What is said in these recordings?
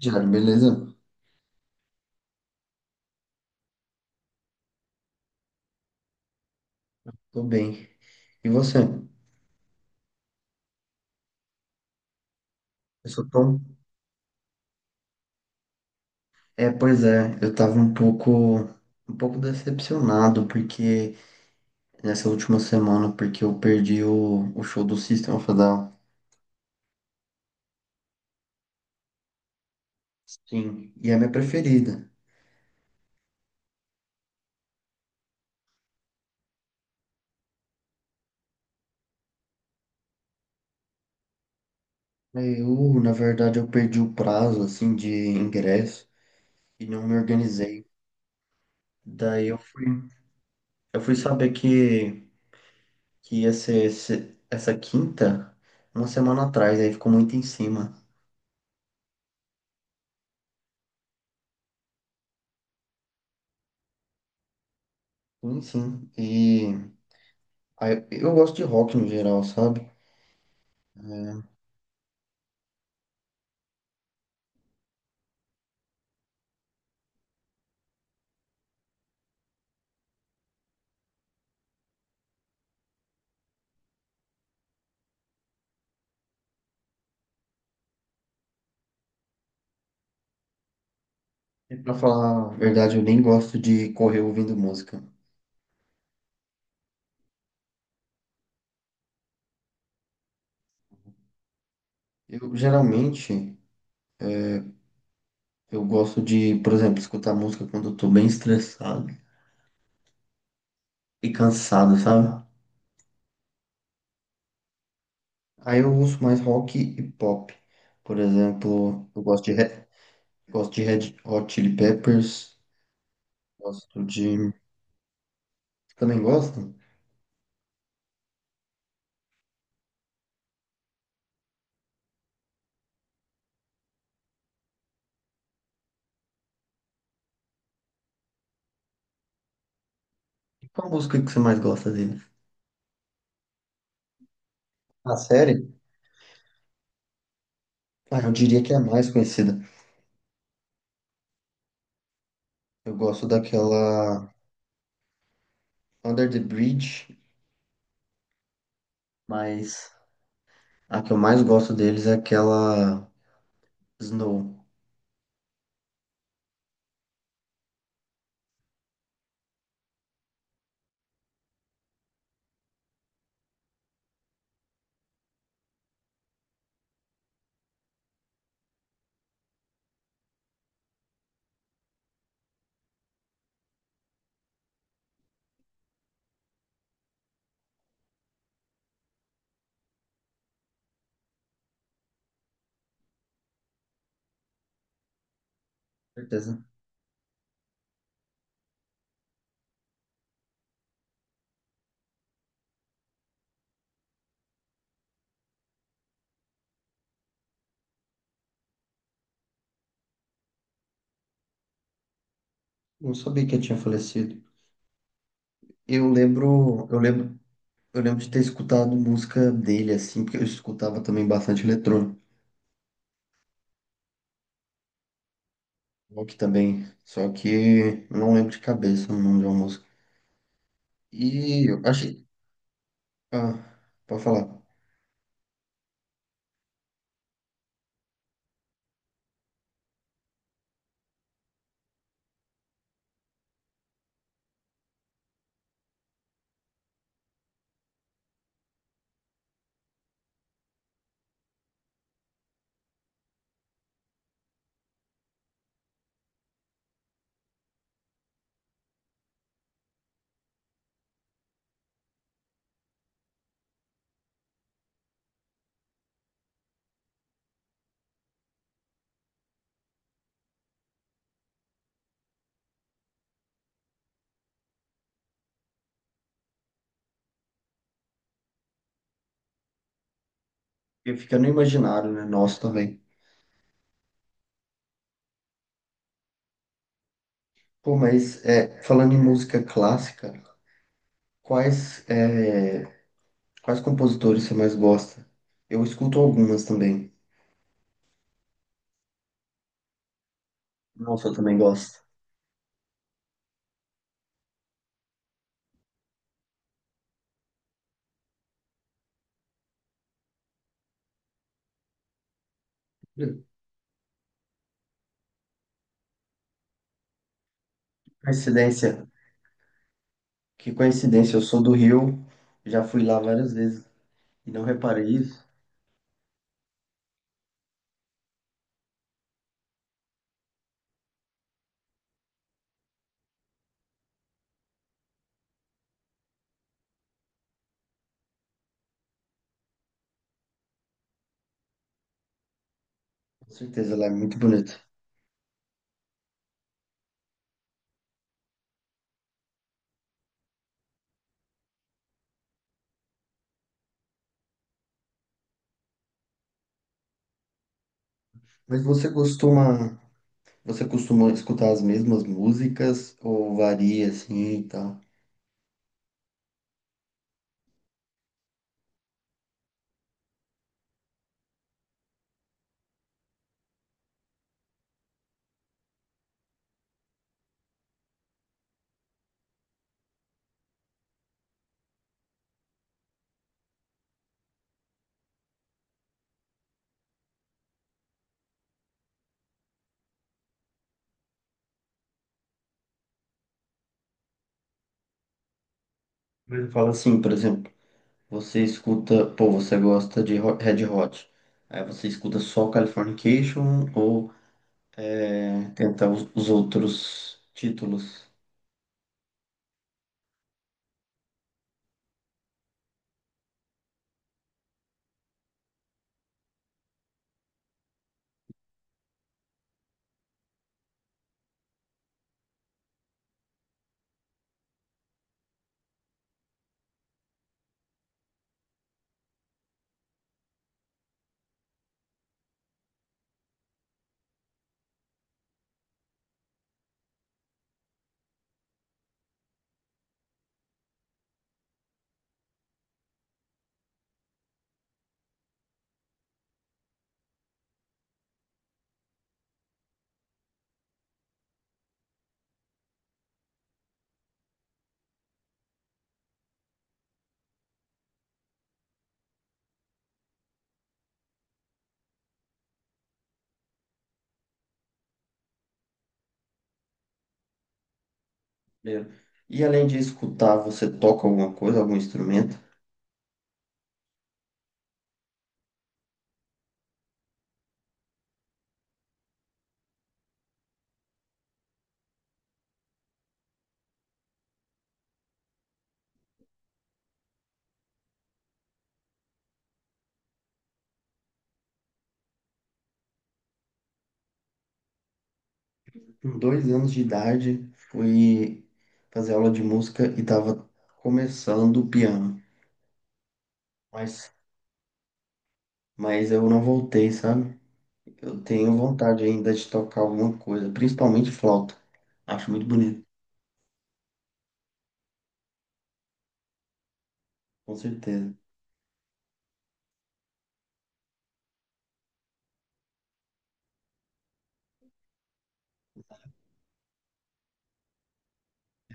Diário, beleza? Tô bem. E você? Eu sou Tom. Pois é, eu tava um pouco decepcionado porque nessa última semana, porque eu perdi o show do System of a Down. Sim, e é a minha preferida. Eu, na verdade, eu perdi o prazo, assim, de ingresso e não me organizei. Daí eu fui, eu fui saber que ia ser essa quinta, uma semana atrás, aí ficou muito em cima. Sim, sim. Eu gosto de rock no geral, sabe? E pra falar a verdade, eu nem gosto de correr ouvindo música. Eu geralmente eu gosto de, por exemplo, escutar música quando eu tô bem estressado e cansado, sabe? Aí eu uso mais rock e pop. Por exemplo, eu gosto de, Re- gosto de Red Hot Chili Peppers, gosto de. Também gosto? E qual música que você mais gosta dele? A série? Ah, eu diria que é a mais conhecida. Eu gosto daquela Under the Bridge, mas a que eu mais gosto deles é aquela Snow. Certeza. Não sabia que ele tinha falecido. Eu lembro, eu lembro, eu lembro de ter escutado música dele assim, porque eu escutava também bastante eletrônico, rock também, só que eu não lembro de cabeça o nome de uma música. E eu achei, ah, pode falar. Eu fica no imaginário, né? Nosso também. Pô, mas é, falando em música clássica, quais é, quais compositores você mais gosta? Eu escuto algumas também. Nossa, eu também gosto. Coincidência. Que coincidência, eu sou do Rio, já fui lá várias vezes e não reparei isso. Com certeza, lá é muito bonito. Mas você costuma, você costuma escutar as mesmas músicas ou varia assim e tal? Mas fala assim, por exemplo, você escuta, pô, você gosta de Red Hot. Aí você escuta só Californication ou é, tenta os outros títulos? Primeiro. E além de escutar, você toca alguma coisa, algum instrumento? Com 2 anos de idade, fui fazer aula de música e tava começando o piano, mas, mas eu não voltei, sabe? Eu tenho vontade ainda de tocar alguma coisa, principalmente flauta. Acho muito bonito, com certeza.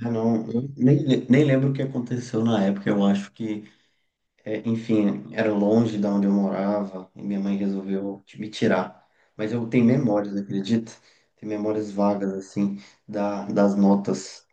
Ah, não, eu nem, le- nem lembro o que aconteceu na época, eu acho que é, enfim, era longe da onde eu morava e minha mãe resolveu me tirar. Mas eu tenho memórias, acredita? Tenho memórias vagas, assim, das notas.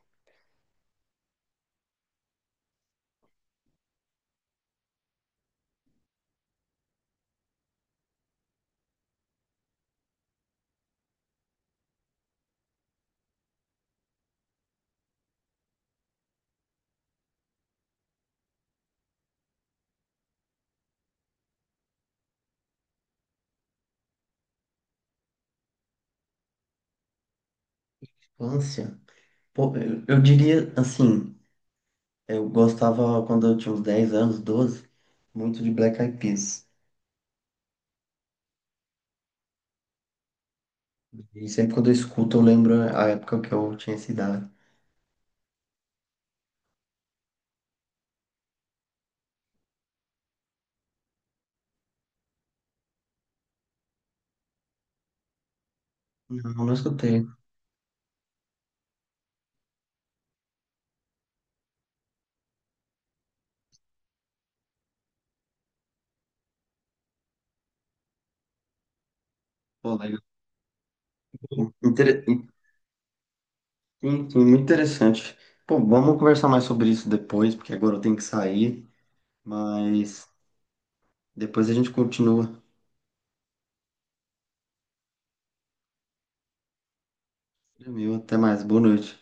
Infância? Pô, eu diria, assim, eu gostava quando eu tinha uns 10 anos, 12, muito de Black Eyed Peas. E sempre quando eu escuto, eu lembro a época que eu tinha essa idade. Não, não escutei. Pô, legal. Inter... in- Muito interessante. Pô, vamos conversar mais sobre isso depois, porque agora eu tenho que sair. Mas depois a gente continua. Meu, até mais. Boa noite.